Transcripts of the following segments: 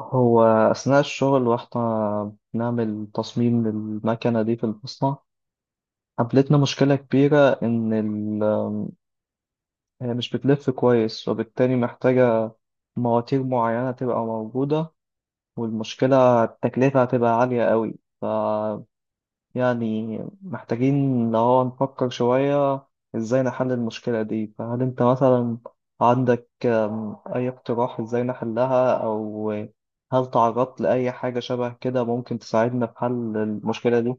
هو أثناء الشغل واحنا بنعمل تصميم للمكنة دي في المصنع، قابلتنا مشكلة كبيرة إن ال- هي مش بتلف كويس، وبالتالي محتاجة مواتير معينة تبقى موجودة، والمشكلة التكلفة هتبقى عالية قوي. يعني محتاجين اللي هو نفكر شوية ازاي نحل المشكلة دي. فهل انت مثلا عندك أي اقتراح ازاي نحلها، أو هل تعرضت لأي حاجة شبه كده ممكن تساعدنا في حل المشكلة دي؟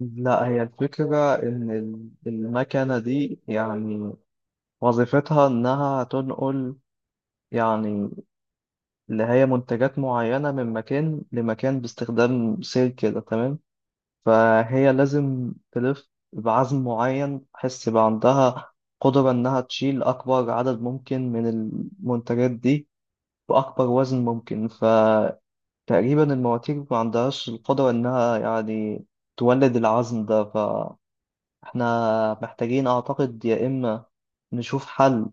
لا، هي الفكرة إن ال- المكنة دي يعني وظيفتها إنها تنقل يعني اللي هي منتجات معينة من مكان لمكان باستخدام سير كده، تمام؟ فهي لازم تلف بعزم معين، تحس بقى عندها قدرة إنها تشيل أكبر عدد ممكن من المنتجات دي بأكبر وزن ممكن. فتقريبا المواتير ما عندهاش القدرة إنها يعني تولد العزم ده. فإحنا محتاجين أعتقد يا إما نشوف حل،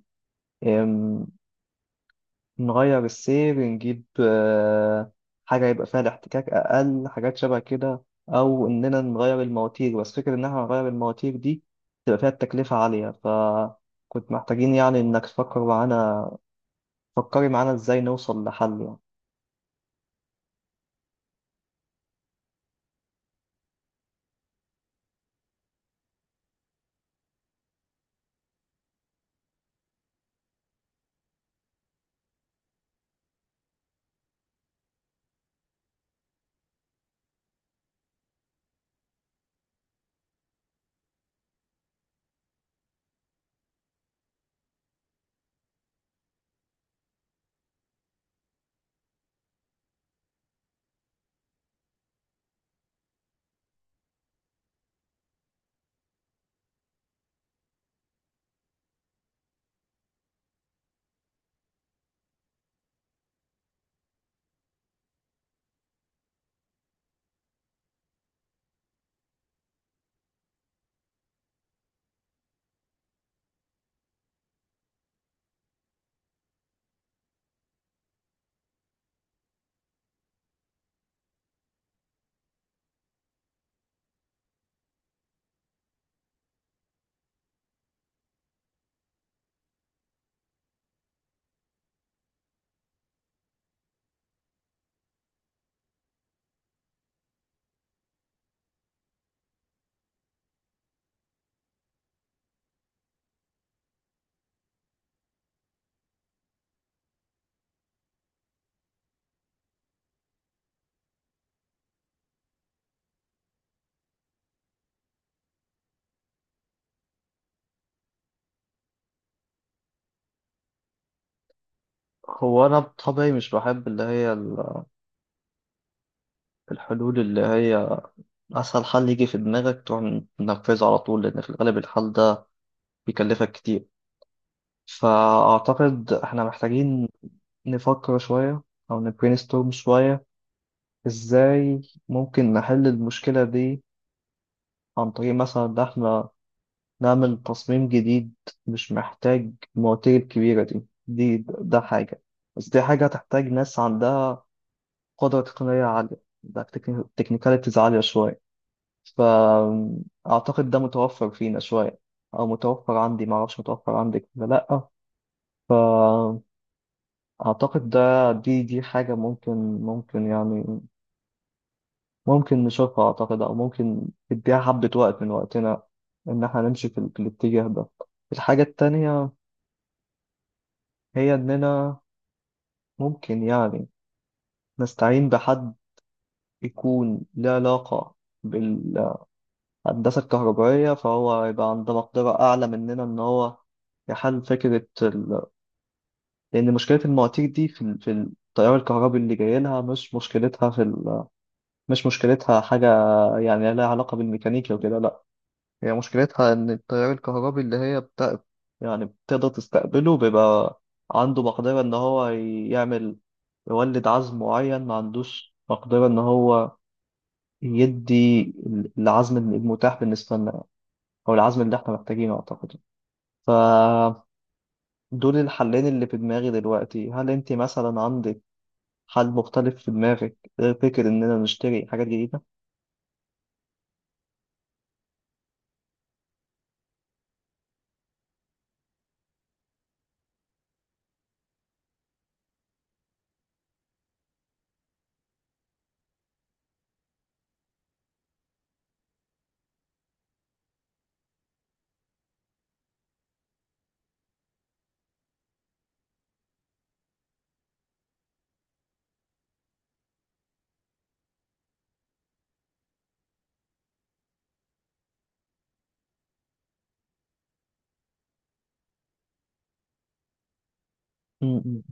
نغير السير، نجيب حاجة يبقى فيها الاحتكاك أقل، حاجات شبه كده، أو إننا نغير المواتير. بس فكرة إن إحنا نغير المواتير دي تبقى فيها التكلفة عالية، فكنت محتاجين يعني إنك تفكر معانا، فكري معانا إزاي نوصل لحل يعني. هو أنا بطبعي مش بحب اللي هي ال- الحلول اللي هي أسهل حل يجي في دماغك تروح تنفذه على طول، لأن في الغالب الحل ده بيكلفك كتير. فأعتقد إحنا محتاجين نفكر شوية أو نبرينستورم شوية إزاي ممكن نحل المشكلة دي. عن طريق مثلا إن إحنا نعمل تصميم جديد مش محتاج المواتير الكبيرة دي، دي ده حاجة، بس دي حاجة هتحتاج ناس عندها قدرة تقنية عالية، ده تكنيكاليتيز عالية شوية. فأعتقد ده متوفر فينا شوية، أو متوفر عندي، معرفش متوفر عندك ولا لأ. فأعتقد ده دي حاجة ممكن، ممكن يعني ممكن نشوفها أعتقد، أو ممكن نديها حبة وقت من وقتنا إن إحنا نمشي في, ال- في الاتجاه ده. الحاجة التانية هي إننا ممكن يعني نستعين بحد يكون له علاقة بالهندسة الكهربائية، فهو يبقى عنده مقدرة أعلى مننا إن هو يحل فكرة ال... لأن مشكلة المواتير دي في, ال... في التيار الكهربي اللي جاي لها، مش مشكلتها في ال... مش مشكلتها حاجة يعني لها علاقة بالميكانيكا وكده، لأ. هي مشكلتها إن التيار الكهربي اللي هي بتا... يعني بتقدر تستقبله بيبقى عنده مقدرة إن هو يعمل، يولد عزم معين، ما عندوش مقدرة إن هو يدي العزم المتاح بالنسبة لنا، أو العزم اللي إحنا محتاجينه أعتقد. فدول الحلين اللي في دماغي دلوقتي. هل أنت مثلا عندك حل مختلف في دماغك غير فكرة إننا نشتري حاجات جديدة؟ م- م.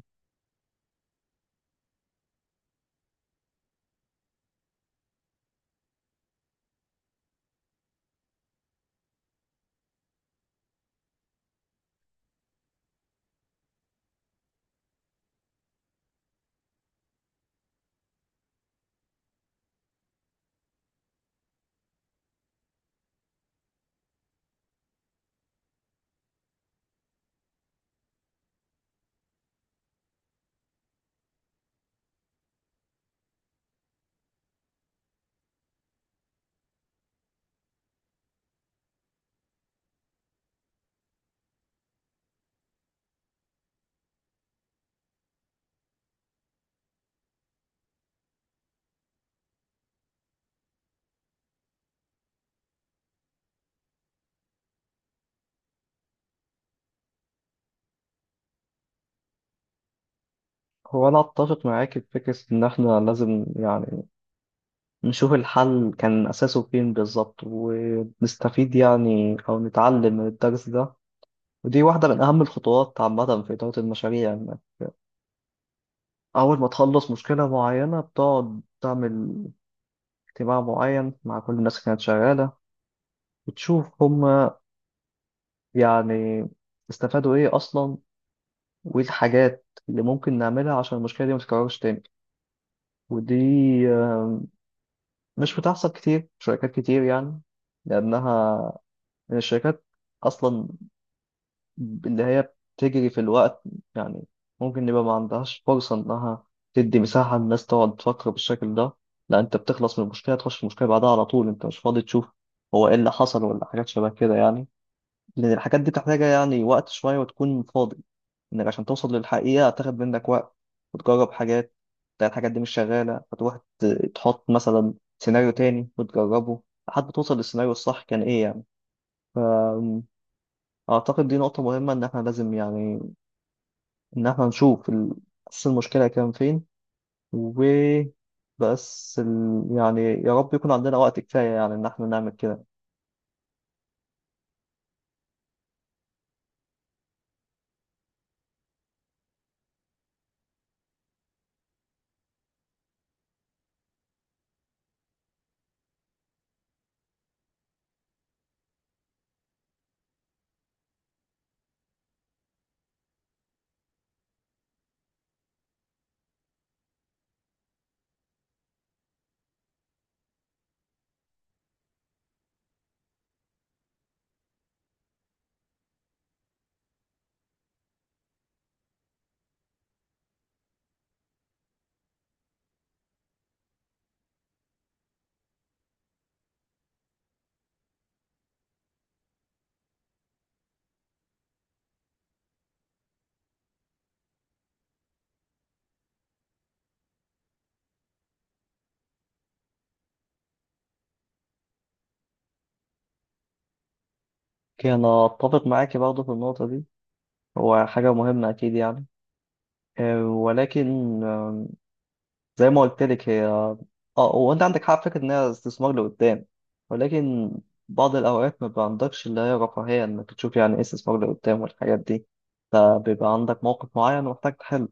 هو أنا أتفق معاك في فكرة إن إحنا لازم يعني نشوف الحل كان أساسه فين بالظبط، ونستفيد يعني أو نتعلم من الدرس ده. ودي واحدة من أهم الخطوات عامة في إدارة المشاريع، إن أول ما تخلص مشكلة معينة بتقعد تعمل اجتماع معين مع كل الناس اللي كانت شغالة وتشوف هما يعني استفادوا إيه أصلا، وإيه الحاجات اللي ممكن نعملها عشان المشكلة دي ما تتكررش تاني. ودي آه، مش بتحصل كتير في شركات كتير يعني، لأنها الشركات أصلا اللي هي بتجري في الوقت يعني، ممكن يبقى ما عندهاش فرصة إنها تدي مساحة للناس تقعد تفكر بالشكل ده. لا، أنت بتخلص من المشكلة تخش في المشكلة بعدها على طول، أنت مش فاضي تشوف هو إيه اللي حصل ولا حاجات شبه كده يعني. لأن الحاجات دي محتاجة يعني وقت شوية، وتكون فاضي، إنك عشان توصل للحقيقة هتاخد منك وقت، وتجرب حاجات تلاقي الحاجات دي مش شغالة، فتروح ت- تحط مثلا سيناريو تاني وتجربه لحد ما توصل للسيناريو الصح كان إيه يعني. أعتقد دي نقطة مهمة إن إحنا لازم يعني إن إحنا نشوف ال- أساس المشكلة كان فين. وبس ال... يعني يا رب يكون عندنا وقت كفاية يعني إن إحنا نعمل كده. أوكي، أنا أتفق معاكي برضه في النقطة دي. هو حاجة مهمة أكيد يعني. ولكن زي ما قلت لك هي اه، وانت عندك حق في فكرة ان هي استثمار لقدام. ولكن بعض الاوقات ما بيبقى عندكش اللي هي رفاهية انك تشوف يعني ايه استثمار لقدام والحاجات دي. فبيبقى عندك موقف معين ومحتاج تحله،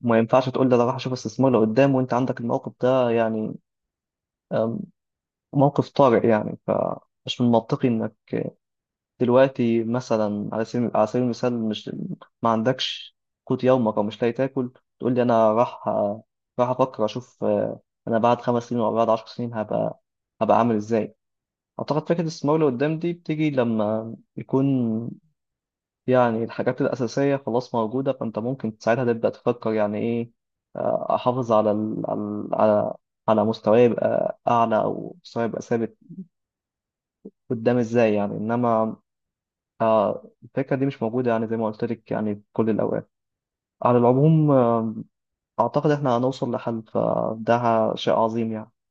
ما ينفعش تقول ده انا راح اشوف استثمار لقدام وانت عندك الموقف ده يعني. أم، موقف طارئ يعني. فمش من منطقي انك دلوقتي مثلا على سبيل، على سبيل المثال، مش ما عندكش قوت يومك او مش لاقي تاكل تقول لي انا راح، راح افكر اشوف انا بعد 5 سنين او بعد 10 سنين هبقى، هبقى عامل ازاي. اعتقد فكره الاستثمار لقدام دي بتيجي لما يكون يعني الحاجات الأساسية خلاص موجودة، فأنت ممكن ساعتها تبدأ تفكر يعني إيه. أحافظ على ال... على، على، على مستواي يبقى أعلى أو مستواي يبقى ثابت قدام إزاي يعني. إنما الفكرة دي مش موجودة يعني زي ما قلت لك يعني في كل الأوقات. على العموم أعتقد إحنا هنوصل لحل، فده شيء عظيم يعني.